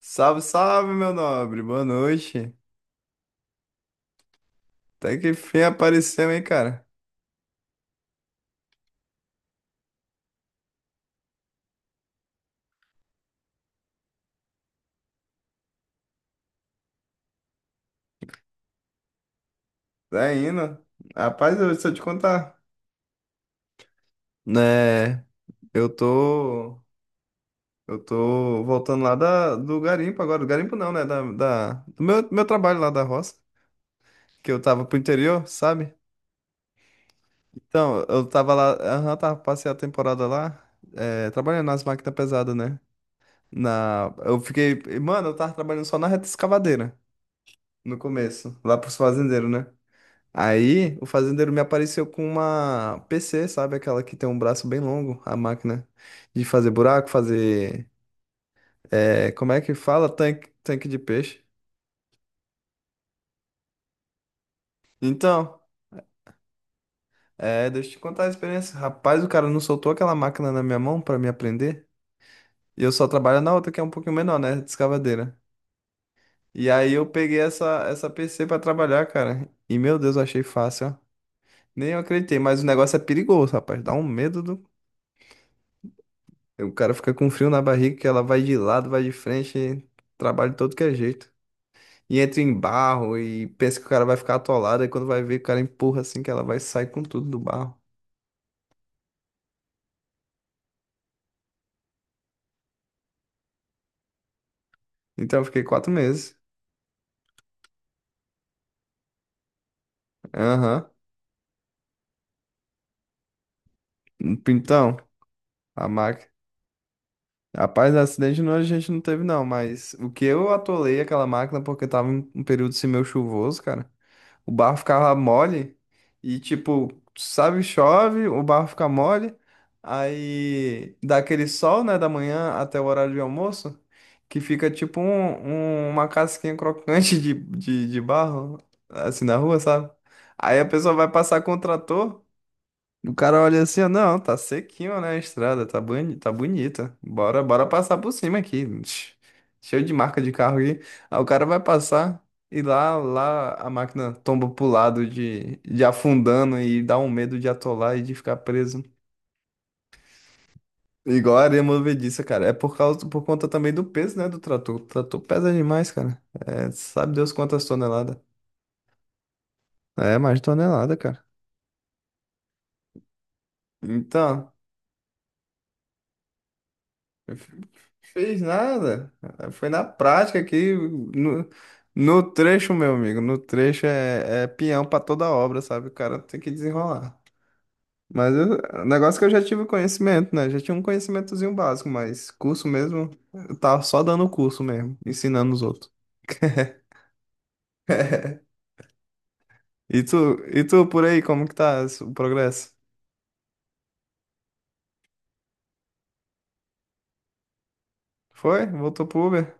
Salve, salve, meu nobre. Boa noite. Até que fim apareceu, hein, cara? Tá indo? Rapaz, eu, se eu te contar. Né, eu tô. Eu tô voltando lá do garimpo agora. Do garimpo não, né? Do meu trabalho lá da roça. Que eu tava pro interior, sabe? Então, eu tava lá. Aham, tava, passei a temporada lá. Trabalhando nas máquinas pesadas, né? Eu fiquei. Mano, eu tava trabalhando só na reta escavadeira no começo. Lá pros fazendeiros, né? Aí o fazendeiro me apareceu com uma PC, sabe? Aquela que tem um braço bem longo, a máquina de fazer buraco, fazer. Como é que fala? Tanque de peixe. Então, deixa eu te contar a experiência. Rapaz, o cara não soltou aquela máquina na minha mão pra me aprender. E eu só trabalho na outra, que é um pouquinho menor, né? De escavadeira. E aí eu peguei essa PC pra trabalhar, cara. E meu Deus, eu achei fácil, ó. Nem eu acreditei, mas o negócio é perigoso, rapaz. Dá um medo do. O cara fica com frio na barriga que ela vai de lado, vai de frente, trabalha de todo que é jeito. E entra em barro e pensa que o cara vai ficar atolado, e quando vai ver, o cara empurra assim que ela vai sair com tudo do barro. Então eu fiquei 4 meses. Aham. Então, a máquina. Rapaz, acidente não, a gente não teve, não, mas o que eu atolei aquela máquina porque tava um período semeu chuvoso, cara. O barro ficava mole e tipo, sabe, chove, o barro fica mole, aí dá aquele sol, né, da manhã até o horário de almoço, que fica tipo uma casquinha crocante de barro, assim, na rua, sabe? Aí a pessoa vai passar com o trator. O cara olha assim, ó, não, tá sequinho, né, a estrada, tá boni, tá bonita. Bora, bora passar por cima aqui. Tch, cheio de marca de carro aqui. Aí o cara vai passar e lá a máquina tomba pro lado de afundando e dá um medo de atolar e de ficar preso. Igual a areia movediça, cara. É por causa, por conta também do peso, né, do trator. O trator pesa demais, cara. É, sabe Deus quantas toneladas. É, mais tonelada, cara. Então, fez nada. Foi na prática aqui. No, no trecho, meu amigo. No trecho é, é peão pra toda obra, sabe? O cara tem que desenrolar. O negócio é que eu já tive conhecimento, né? Já tinha um conhecimentozinho básico, mas curso mesmo, eu tava só dando curso mesmo, ensinando os outros. E tu, e tu por aí, como que tá esse- o progresso? Foi? Voltou pro Uber?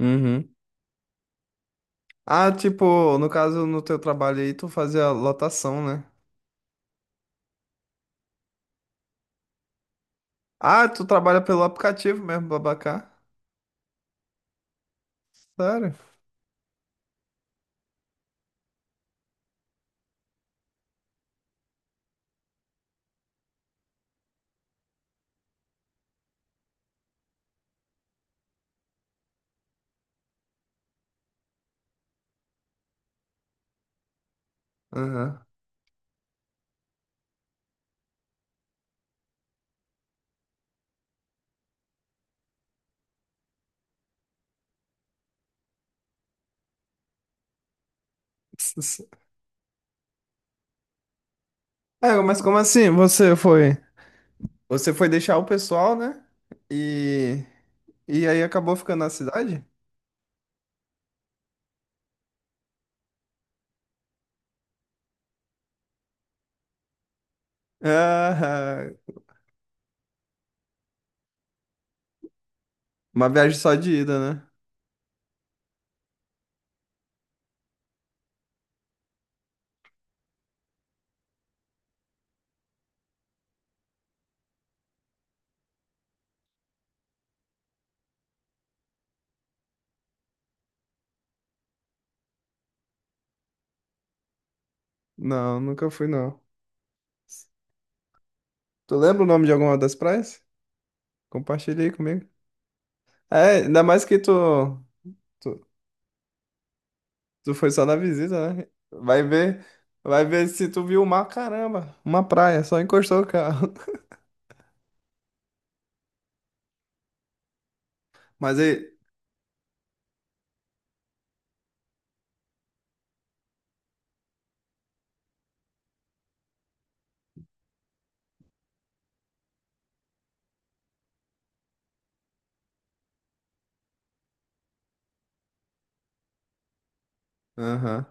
Uhum. Ah, tipo, no caso, no teu trabalho aí, tu fazia lotação, né? Ah, tu trabalha pelo aplicativo mesmo, Babacar? Sério? Aham. É, mas como assim? Você foi. Você foi deixar o pessoal, né? E. E aí acabou ficando na cidade? Ah, uma viagem só de ida, né? Não, nunca fui, não. Tu lembra o nome de alguma das praias? Compartilha aí comigo. É, ainda mais que tu, tu foi só na visita, né? Vai ver se tu viu o mar, caramba. Uma praia, só encostou o carro. Mas aí. Aham.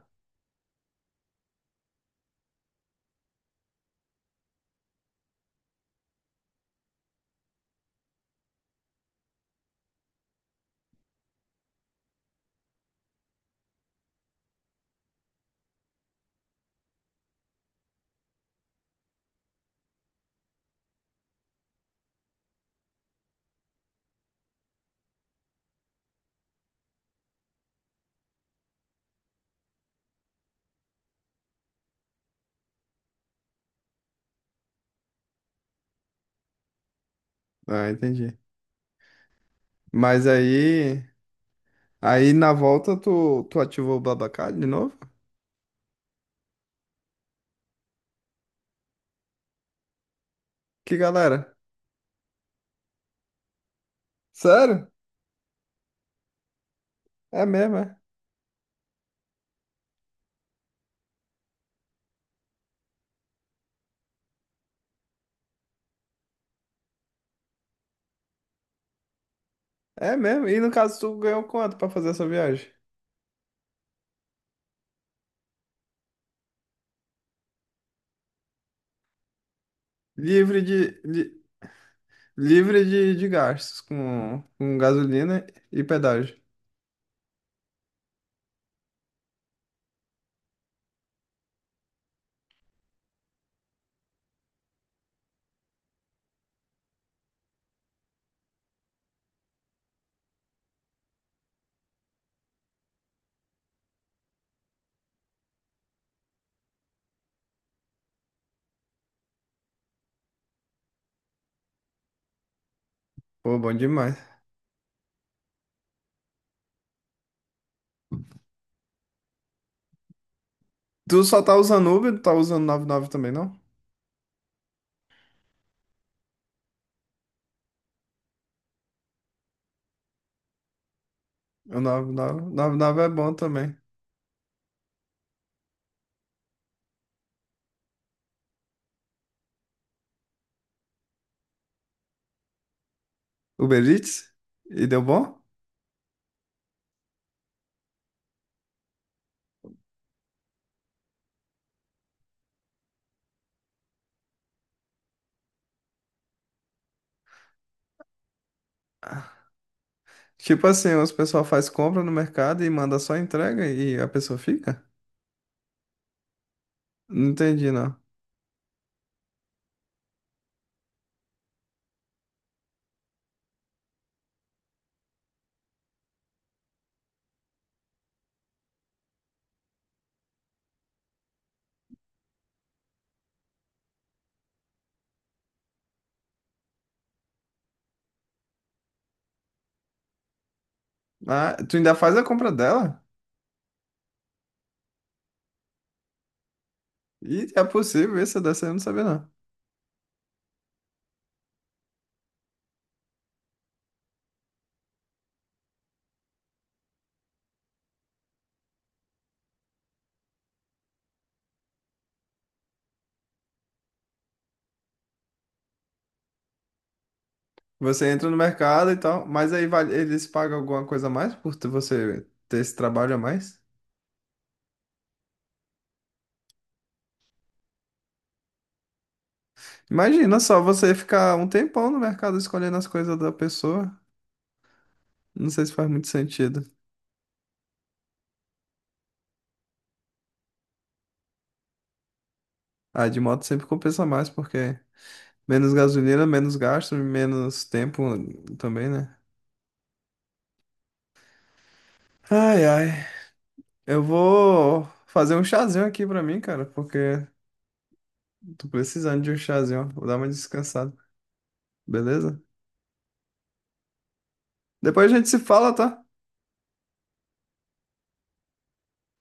Ah, entendi. Mas aí, aí na volta tu ativou o Babacar de novo? Que galera? Sério? É mesmo, é? É mesmo? E no caso tu ganhou quanto pra fazer essa viagem? Livre de, de- livre de gastos com gasolina e pedágio. Pô, bom demais. Tu só tá usando Uber, tu tá usando 99 também, não? O 99, 99 é bom também. Uber Eats? E deu bom? Tipo assim, os pessoal faz compra no mercado e manda só entrega e a pessoa fica? Não entendi, não. Ah, tu ainda faz a compra dela? E é possível isso, dessa eu não sabia, não. Você entra no mercado e tal, eles pagam alguma coisa a mais por você ter esse trabalho a mais? Imagina só você ficar um tempão no mercado escolhendo as coisas da pessoa. Não sei se faz muito sentido. Ah, de moto sempre compensa mais, porque menos gasolina, menos gasto, menos tempo também, né? Ai, ai. Eu vou fazer um chazinho aqui pra mim, cara, porque tô precisando de um chazinho. Vou dar uma descansada, beleza? Depois a gente se fala, tá?